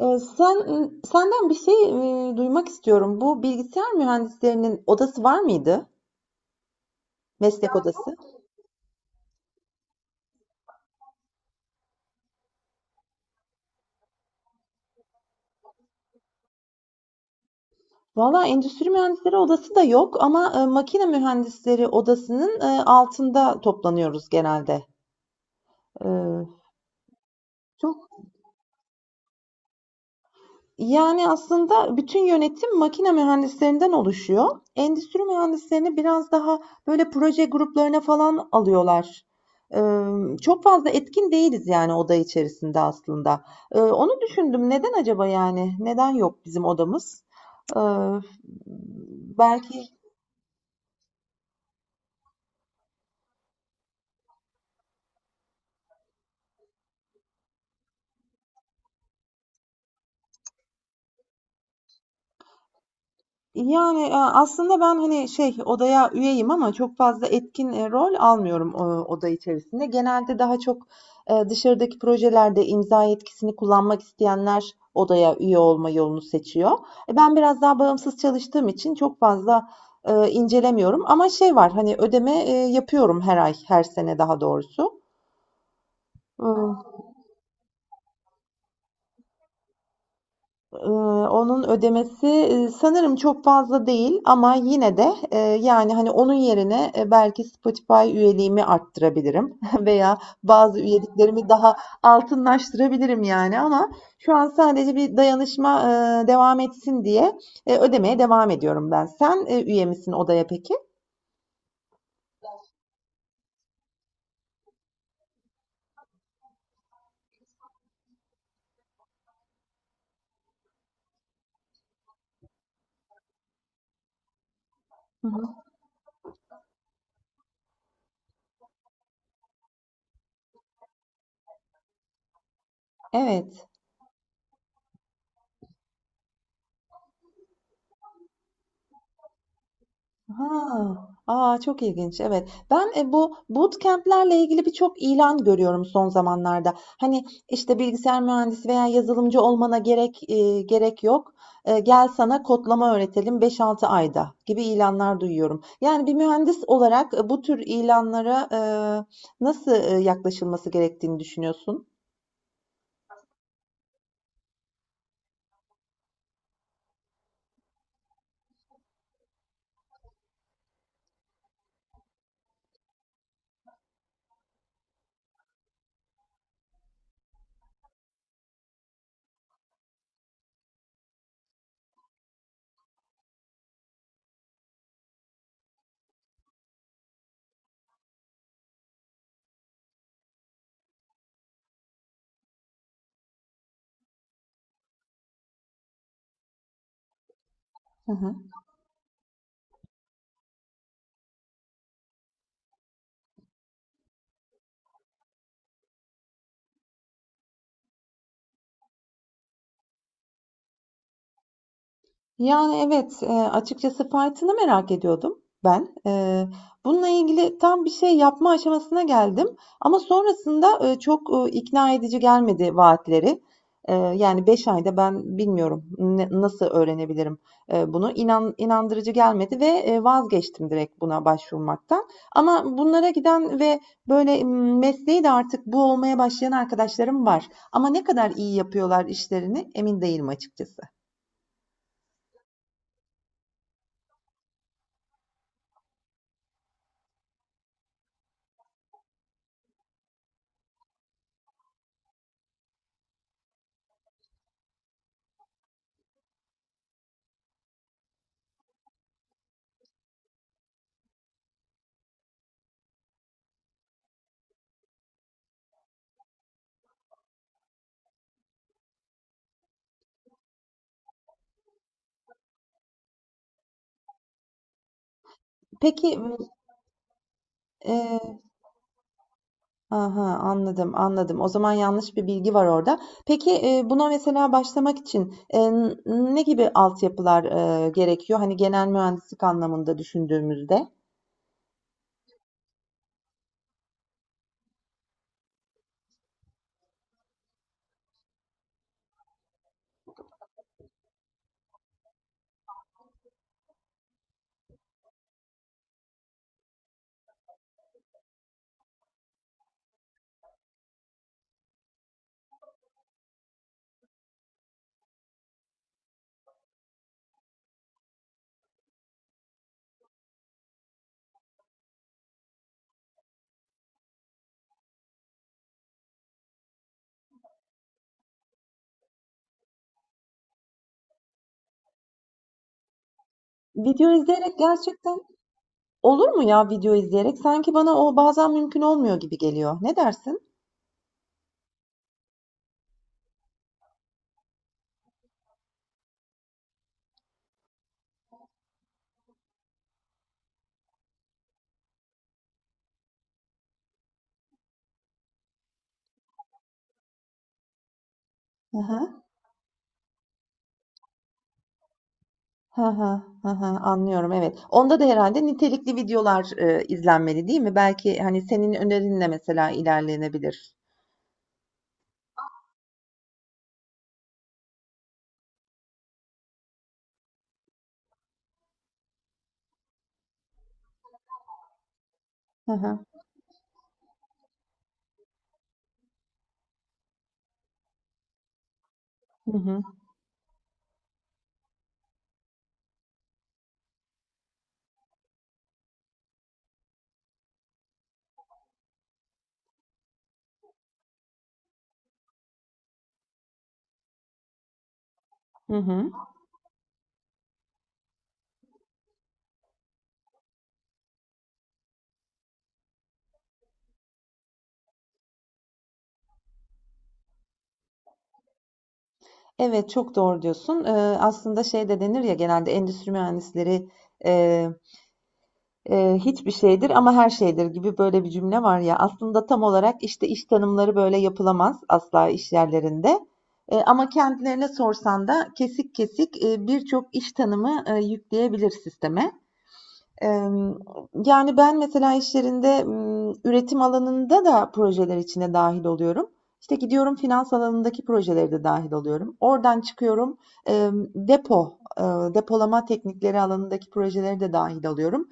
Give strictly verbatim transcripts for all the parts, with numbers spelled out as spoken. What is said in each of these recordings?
Eee, sen senden bir şey, eee, duymak istiyorum. Bu bilgisayar mühendislerinin odası var mıydı? Meslek odası. Valla endüstri mühendisleri odası da yok ama eee, makine mühendisleri odasının eee, altında toplanıyoruz genelde. Eee, çok Yani, aslında bütün yönetim makine mühendislerinden oluşuyor. Endüstri mühendislerini biraz daha, böyle, proje gruplarına falan alıyorlar. Emm, çok fazla etkin değiliz, yani, oda içerisinde aslında. Eee, onu düşündüm. Neden acaba, yani? Neden yok bizim odamız? Eee, belki Yani, eee, aslında ben, hani, şey, odaya üyeyim ama çok fazla etkin, eee, rol almıyorum, ooo, oda içerisinde. Genelde daha çok, eee, dışarıdaki projelerde imza yetkisini kullanmak isteyenler odaya üye olma yolunu seçiyor. E, ben biraz daha bağımsız çalıştığım için çok fazla, eee, incelemiyorum ama şey var, hani, ödeme, eee, yapıyorum her ay, her sene daha doğrusu. Iıı Eee, Onun ödemesi, eee, sanırım çok fazla değil ama yine de, eee, yani, hani, onun yerine, eee, belki Spotify üyeliğimi arttırabilirim veya bazı üyeliklerimi daha altınlaştırabilirim, yani, ama şu an sadece bir dayanışma, eee, devam etsin diye, eee, ödemeye devam ediyorum ben. Sen, eee, üye misin odaya peki? Hı hı. Evet. Ha, a, çok ilginç. Evet. Ben e, bu bootcamp'lerle ilgili birçok ilan görüyorum son zamanlarda. Hani işte bilgisayar mühendisi veya yazılımcı olmana gerek e, gerek yok. E, gel sana kodlama öğretelim beş altı ayda gibi ilanlar duyuyorum. Yani bir mühendis olarak e, bu tür ilanlara e, nasıl e, yaklaşılması gerektiğini düşünüyorsun? Hı hı. Yani, evet, eee, açıkçası fiyatını merak ediyordum ben. Eee, bununla ilgili tam bir şey yapma aşamasına geldim ama sonrasında, eee, çok, ııı, ikna edici gelmedi vaatleri. Eee, yani beş ayda ben bilmiyorum ne nasıl öğrenebilirim, eee, bunu. İnan inandırıcı gelmedi ve, eee, vazgeçtim direkt buna başvurmaktan. Ama bunlara giden ve böyle, ımm, mesleği de artık bu olmaya başlayan arkadaşlarım var ama ne kadar iyi yapıyorlar işlerini emin değilim açıkçası. Peki, ımm, eee, aha, anladım, anladım. O zaman yanlış bir bilgi var orada. Peki, eee, buna mesela başlamak için, eee, n ne gibi altyapılar, eee, gerekiyor? Hani genel mühendislik anlamında düşündüğümüzde? Video izleyerek gerçekten olur mu ya video izleyerek? Sanki bana o bazen mümkün olmuyor gibi geliyor. Ne dersin? Hı hı. Hı hı, hı hı, anlıyorum, evet. Onda da herhalde nitelikli videolar, eee, izlenmeli, değil mi? Belki, hani, senin önerinle mesela ilerlenebilir. Hı hı. Hı hı. Hı hı. Evet, çok doğru diyorsun. Eee, aslında şey de denir ya genelde endüstri mühendisleri, Eee, hiçbir şeydir ama her şeydir gibi böyle bir cümle var ya. Aslında tam olarak işte iş tanımları böyle yapılamaz asla iş yerlerinde. E, ama kendilerine sorsan da kesik kesik e, birçok iş tanımı e, yükleyebilir sisteme yani, ben mesela işlerinde üretim alanında da projeler içine dahil oluyorum. İşte, gidiyorum finans alanındaki projeleri de dahil oluyorum. Oradan çıkıyorum, depo, depolama teknikleri alanındaki projeleri de dahil alıyorum.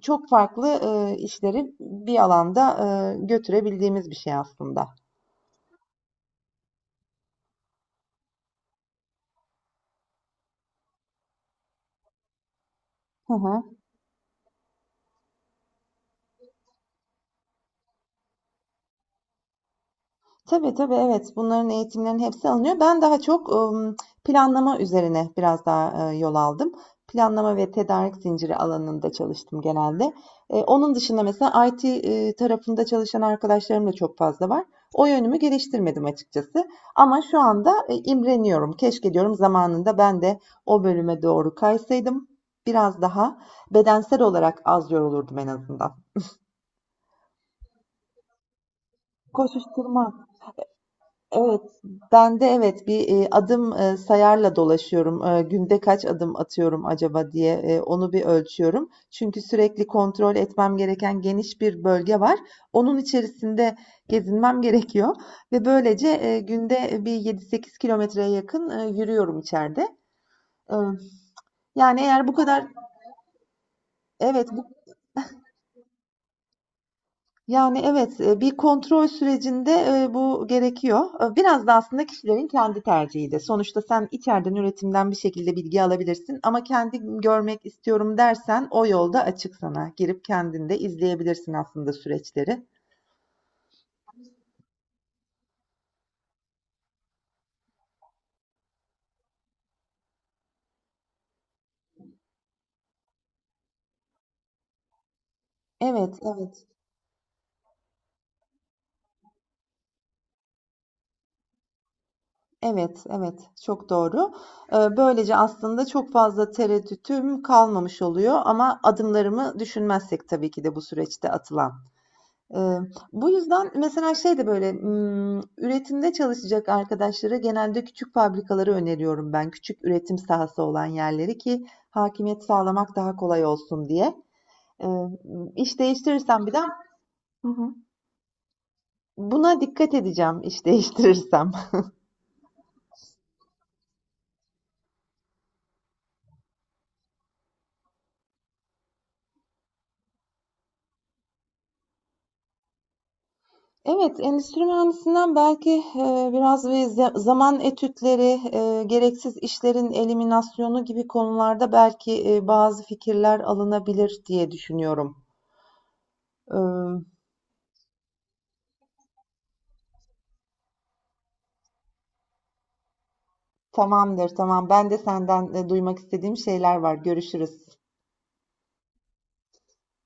Çok farklı işleri bir alanda götürebildiğimiz bir şey aslında. Hı hı. Tabii, tabii, evet. Bunların eğitimlerinin hepsi alınıyor. Ben daha çok, ımm, planlama üzerine biraz daha, eee, yol aldım. Planlama ve tedarik zinciri alanında çalıştım genelde. Eee, onun dışında mesela I T, eee, tarafında çalışan arkadaşlarım da çok fazla var. O yönümü geliştirmedim açıkçası ama şu anda, eee, imreniyorum. Keşke diyorum zamanında ben de o bölüme doğru kaysaydım. Biraz daha bedensel olarak az yorulurdum en azından. Koşuşturma. Evet, ben de evet bir e, adım e, sayarla dolaşıyorum. E, günde kaç adım atıyorum acaba diye e, onu bir ölçüyorum. Çünkü sürekli kontrol etmem gereken geniş bir bölge var. Onun içerisinde gezinmem gerekiyor ve böylece e, günde bir yedi sekiz kilometreye yakın e, yürüyorum içeride. E, yani eğer bu kadar Evet. Yani, evet, eee, bir kontrol sürecinde, eee, bu gerekiyor. Eee, biraz da aslında kişilerin kendi tercihi de. Sonuçta sen içeriden üretimden bir şekilde bilgi alabilirsin ama kendi görmek istiyorum dersen o yolda açık sana. Girip kendin de izleyebilirsin aslında süreçleri. Evet, evet. Evet, evet, çok doğru. Eee, böylece aslında çok fazla tereddütüm kalmamış oluyor ama adımlarımı düşünmezsek tabii ki de bu süreçte atılan. Eee, Bu yüzden mesela şey de böyle, ımm, üretimde çalışacak arkadaşlara genelde küçük fabrikaları öneriyorum ben. Küçük üretim sahası olan yerleri ki hakimiyet sağlamak daha kolay olsun diye. Eee, iş değiştirirsem bir de. Hı hı. Buna dikkat edeceğim iş değiştirirsem. Evet, endüstri mühendisinden belki, eee, biraz ve zaman etütleri, eee, gereksiz işlerin eliminasyonu gibi konularda belki, eee, bazı fikirler alınabilir diye düşünüyorum. Tamamdır, tamam. Ben de senden e, duymak istediğim şeyler var. Görüşürüz.